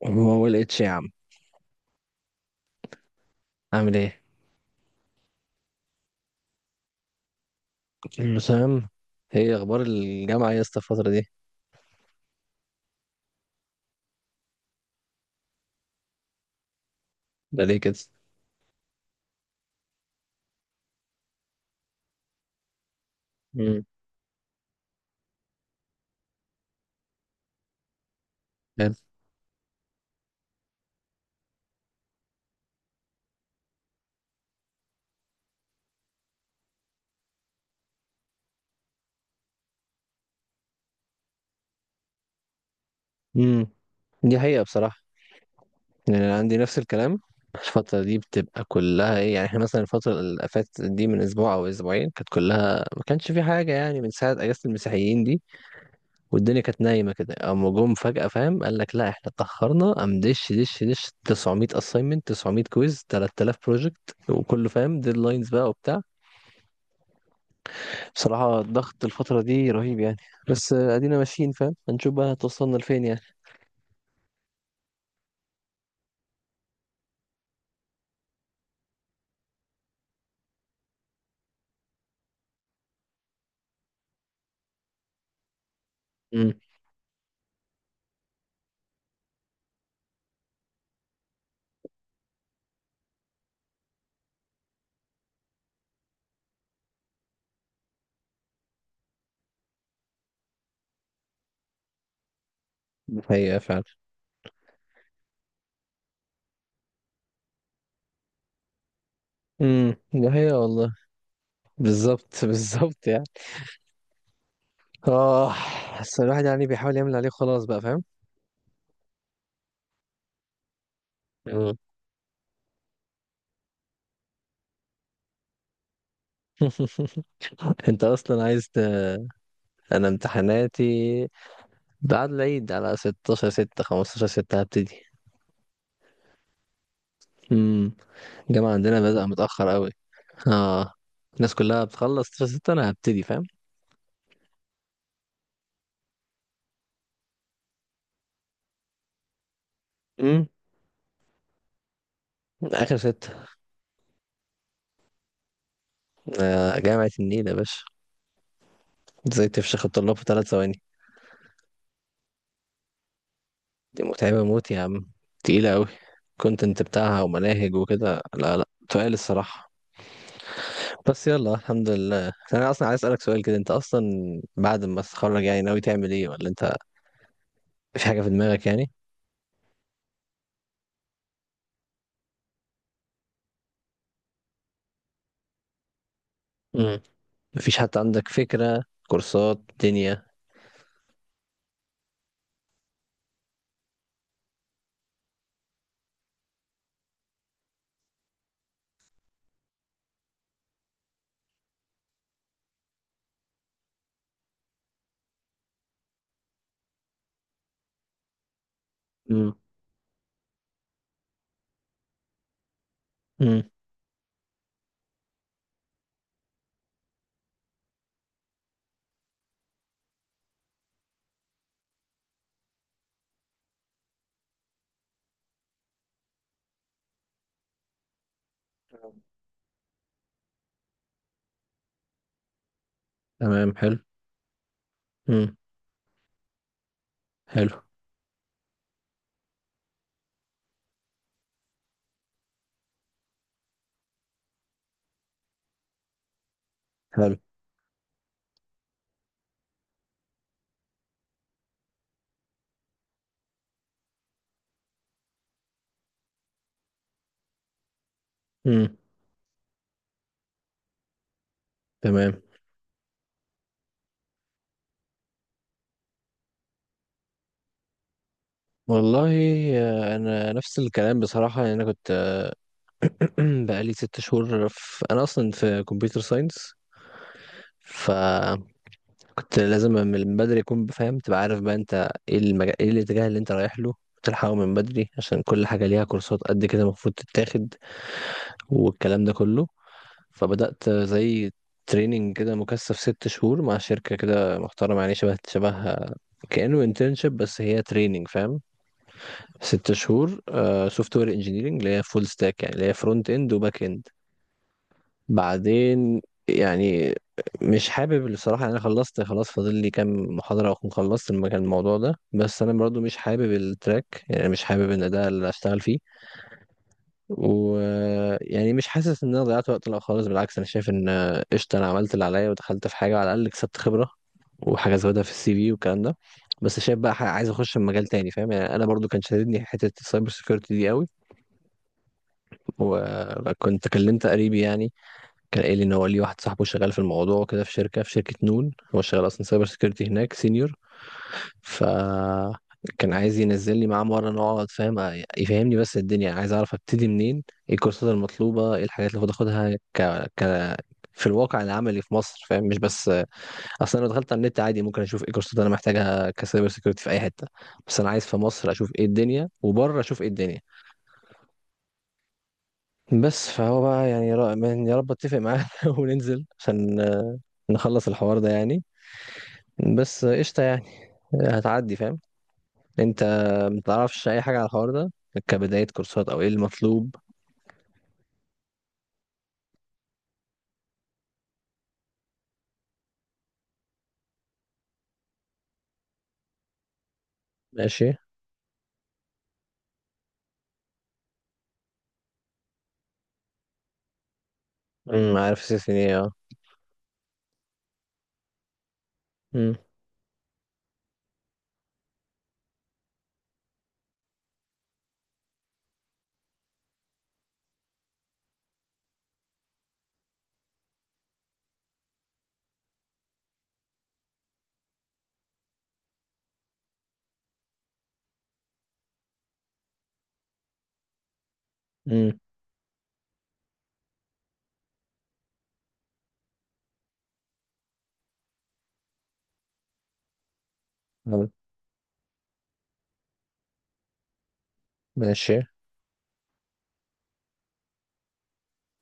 يعني هو هو الاتش يا عم، عامل ايه؟ المسام. هي اخبار الجامعه يا اسطى الفتره دي؟ ده ليه كده؟ امم امم دي حقيقه بصراحه. يعني انا عندي نفس الكلام، الفتره دي بتبقى كلها ايه؟ يعني احنا مثلا الفتره اللي فاتت دي من اسبوع او اسبوعين كانت كلها، ما كانش في حاجه يعني من ساعه اجازه المسيحيين دي، والدنيا كانت نايمه كده، اما جم فجاه فاهم؟ قال لك لا احنا اتاخرنا، قام دش دش دش، 900 اساينمنت، 900 كويز، 3000 بروجكت، وكله فاهم ديدلاينز بقى وبتاع. بصراحة الضغط الفترة دي رهيب يعني. بس ادينا ماشيين فاهم، هنشوف بقى هتوصلنا لفين يعني. امم. دي حقيقة فعلا. امم. دي حقيقة والله. بالظبط بالظبط يعني. اه. بس الواحد يعني بيحاول يعمل عليه خلاص بقى فاهم. مم. انت اصلا عايز انا امتحاناتي بعد العيد، على 16 6، 15 6 هبتدي. امم الجامعة عندنا بدأ متأخر قوي. اه، الناس كلها بتخلص 16 6، انا هبتدي فاهم. امم اخر ستة. آه، جامعة النيل يا باشا. ازاي تفشخ الطلاب في 3 ثواني؟ دي متعبة موت يا عم، تقيلة قوي. كونتنت بتاعها ومناهج وكده، لا لا تقال الصراحة. بس يلا الحمد لله. انا اصلا عايز اسألك سؤال كده، انت اصلا بعد ما تتخرج يعني ناوي تعمل ايه؟ ولا انت في حاجة في دماغك يعني؟ امم مفيش حتى عندك فكرة كورسات دنيا؟ امم. امم. تمام، حلو. امم. حلو. حلو. امم. تمام. والله، انا نفس الكلام بصراحة. يعني انا كنت بقالي 6 شهور في، انا اصلا في كمبيوتر ساينس. فكنت لازم من بدري اكون بفهم، تبقى عارف بقى انت ايه المجال، ايه الاتجاه اللي انت رايح له وتلحقه من بدري، عشان كل حاجه ليها كورسات قد كده المفروض تتاخد، والكلام ده كله. فبدات زي تريننج كده مكثف، 6 شهور مع شركه كده محترمه، يعني شبه شبه كأنه انترنشيب بس هي تريننج فاهم. ست شهور سوفت وير انجينيرنج، اللي هي فول ستاك، يعني اللي هي فرونت اند وباك اند. بعدين يعني، مش حابب الصراحة، أنا خلصت خلاص، فاضل لي كام محاضرة وأكون خلصت الموضوع ده، بس أنا برضو مش حابب التراك، يعني مش حابب إن ده اللي أشتغل فيه. ويعني مش حاسس إن أنا ضيعت وقت لا خالص، بالعكس أنا شايف إن قشطة، أنا عملت اللي عليا ودخلت في حاجة، على الأقل كسبت خبرة وحاجة زودها في السي في والكلام ده. بس شايف بقى عايز أخش في مجال تاني فاهم. يعني أنا برضو كان شاددني حتة السايبر سيكيورتي دي قوي. وكنت كلمت قريبي يعني، كان قايل لي ان هو ليه واحد صاحبه شغال في الموضوع وكده، في شركه في شركه نون، هو شغال اصلا سايبر سكيورتي هناك سينيور. ف كان عايز ينزل لي معاه مره نقعد فاهم، يفهمني. بس الدنيا عايز اعرف ابتدي منين، ايه الكورسات المطلوبه، ايه الحاجات اللي المفروض اخدها ك... ك في الواقع العملي في مصر فاهم، مش بس اصلا لو دخلت على النت عادي ممكن اشوف ايه الكورسات اللي انا محتاجها كسايبر سيكيورتي في اي حته. بس انا عايز في مصر اشوف ايه الدنيا، وبره اشوف ايه الدنيا. بس فهو بقى يعني، يا رب اتفق معاه وننزل عشان نخلص الحوار ده يعني. بس قشطة يعني، هتعدي فاهم. انت متعرفش اي حاجة على الحوار ده، كبداية كورسات او ايه المطلوب؟ ماشي. امم، عارف سيسي ايه اه. امم. امم. حلو. ماشي.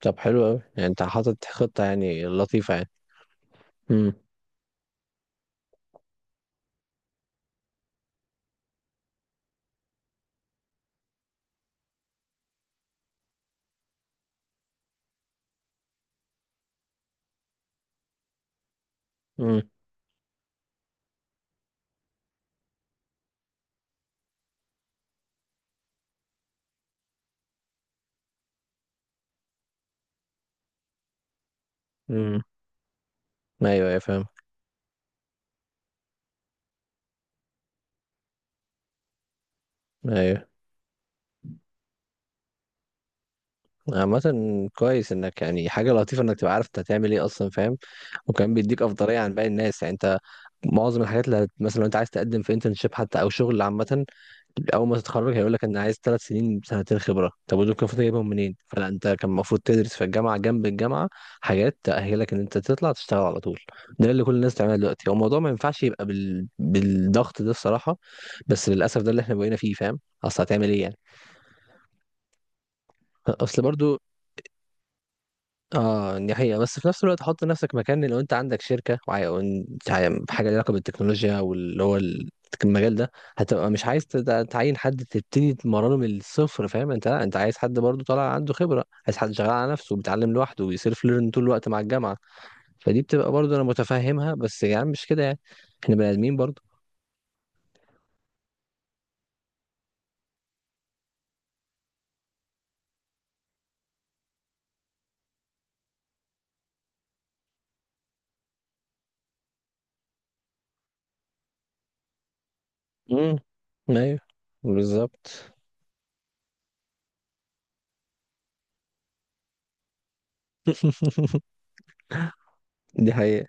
طب حلو اوي يعني، انت حاطط خطة يعني لطيفة يعني. امم. امم. امم. ايوه ايوه فاهم. ايوه. عامة كويس انك، يعني حاجة لطيفة انك تبقى عارف انت هتعمل ايه اصلا فاهم. وكمان بيديك افضلية عن باقي الناس. يعني انت معظم الحاجات اللي مثلا لو انت عايز تقدم في انترنشيب حتى او شغل، عامة اول ما تتخرج هيقول لك انا عايز 3 سنين، 2 سنين خبره، طب ودول كان المفروض جايبهم منين؟ فلا، انت كان المفروض تدرس في الجامعه، جنب الجامعه حاجات تاهلك ان انت تطلع تشتغل على طول. ده اللي كل الناس بتعمله دلوقتي. هو الموضوع ما ينفعش يبقى بالضغط ده الصراحه. بس للاسف ده اللي احنا بقينا فيه فاهم، اصل هتعمل ايه يعني. اصل برضو، اه دي حقيقة. بس في نفس الوقت حط نفسك مكان لو انت عندك شركة، حاجة ليها علاقة بالتكنولوجيا واللي هو المجال ده، هتبقى مش عايز تعين حد تبتدي تمرنه من الصفر فاهم. انت لا، انت عايز حد برضو طالع عنده خبرة، عايز حد شغال على نفسه وبيتعلم لوحده وبيسيلف ليرن طول الوقت مع الجامعة. فدي بتبقى برضو انا متفهمها، بس يا يعني عم مش كده يعني، احنا بني ادمين برضو. امم. ايوه. بالظبط. دي حقيقة.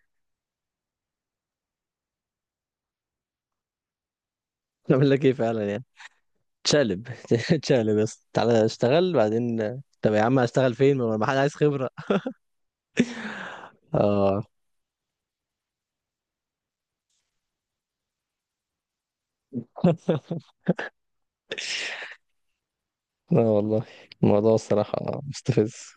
اعمل لك ايه فعلا يعني. تشالب تشالب بس تعالى اشتغل بعدين. طب يا عم هشتغل فين؟ ما حد عايز خبرة. اه. لا والله، الموضوع الصراحة مستفز.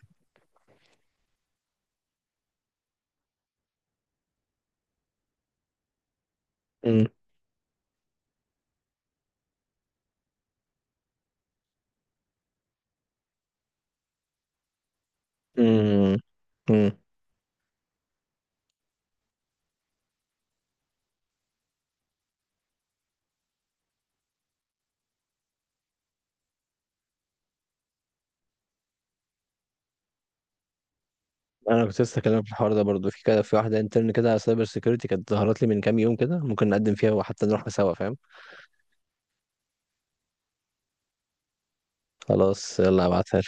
مم. مم. مم. انا كنت لسه هكلمك في الحوار ده برضو، في كده في واحدة انترن كده على سايبر سيكيورتي كانت ظهرت لي من كام يوم كده، ممكن نقدم فيها وحتى نروح سوا فاهم. خلاص يلا هبعتها.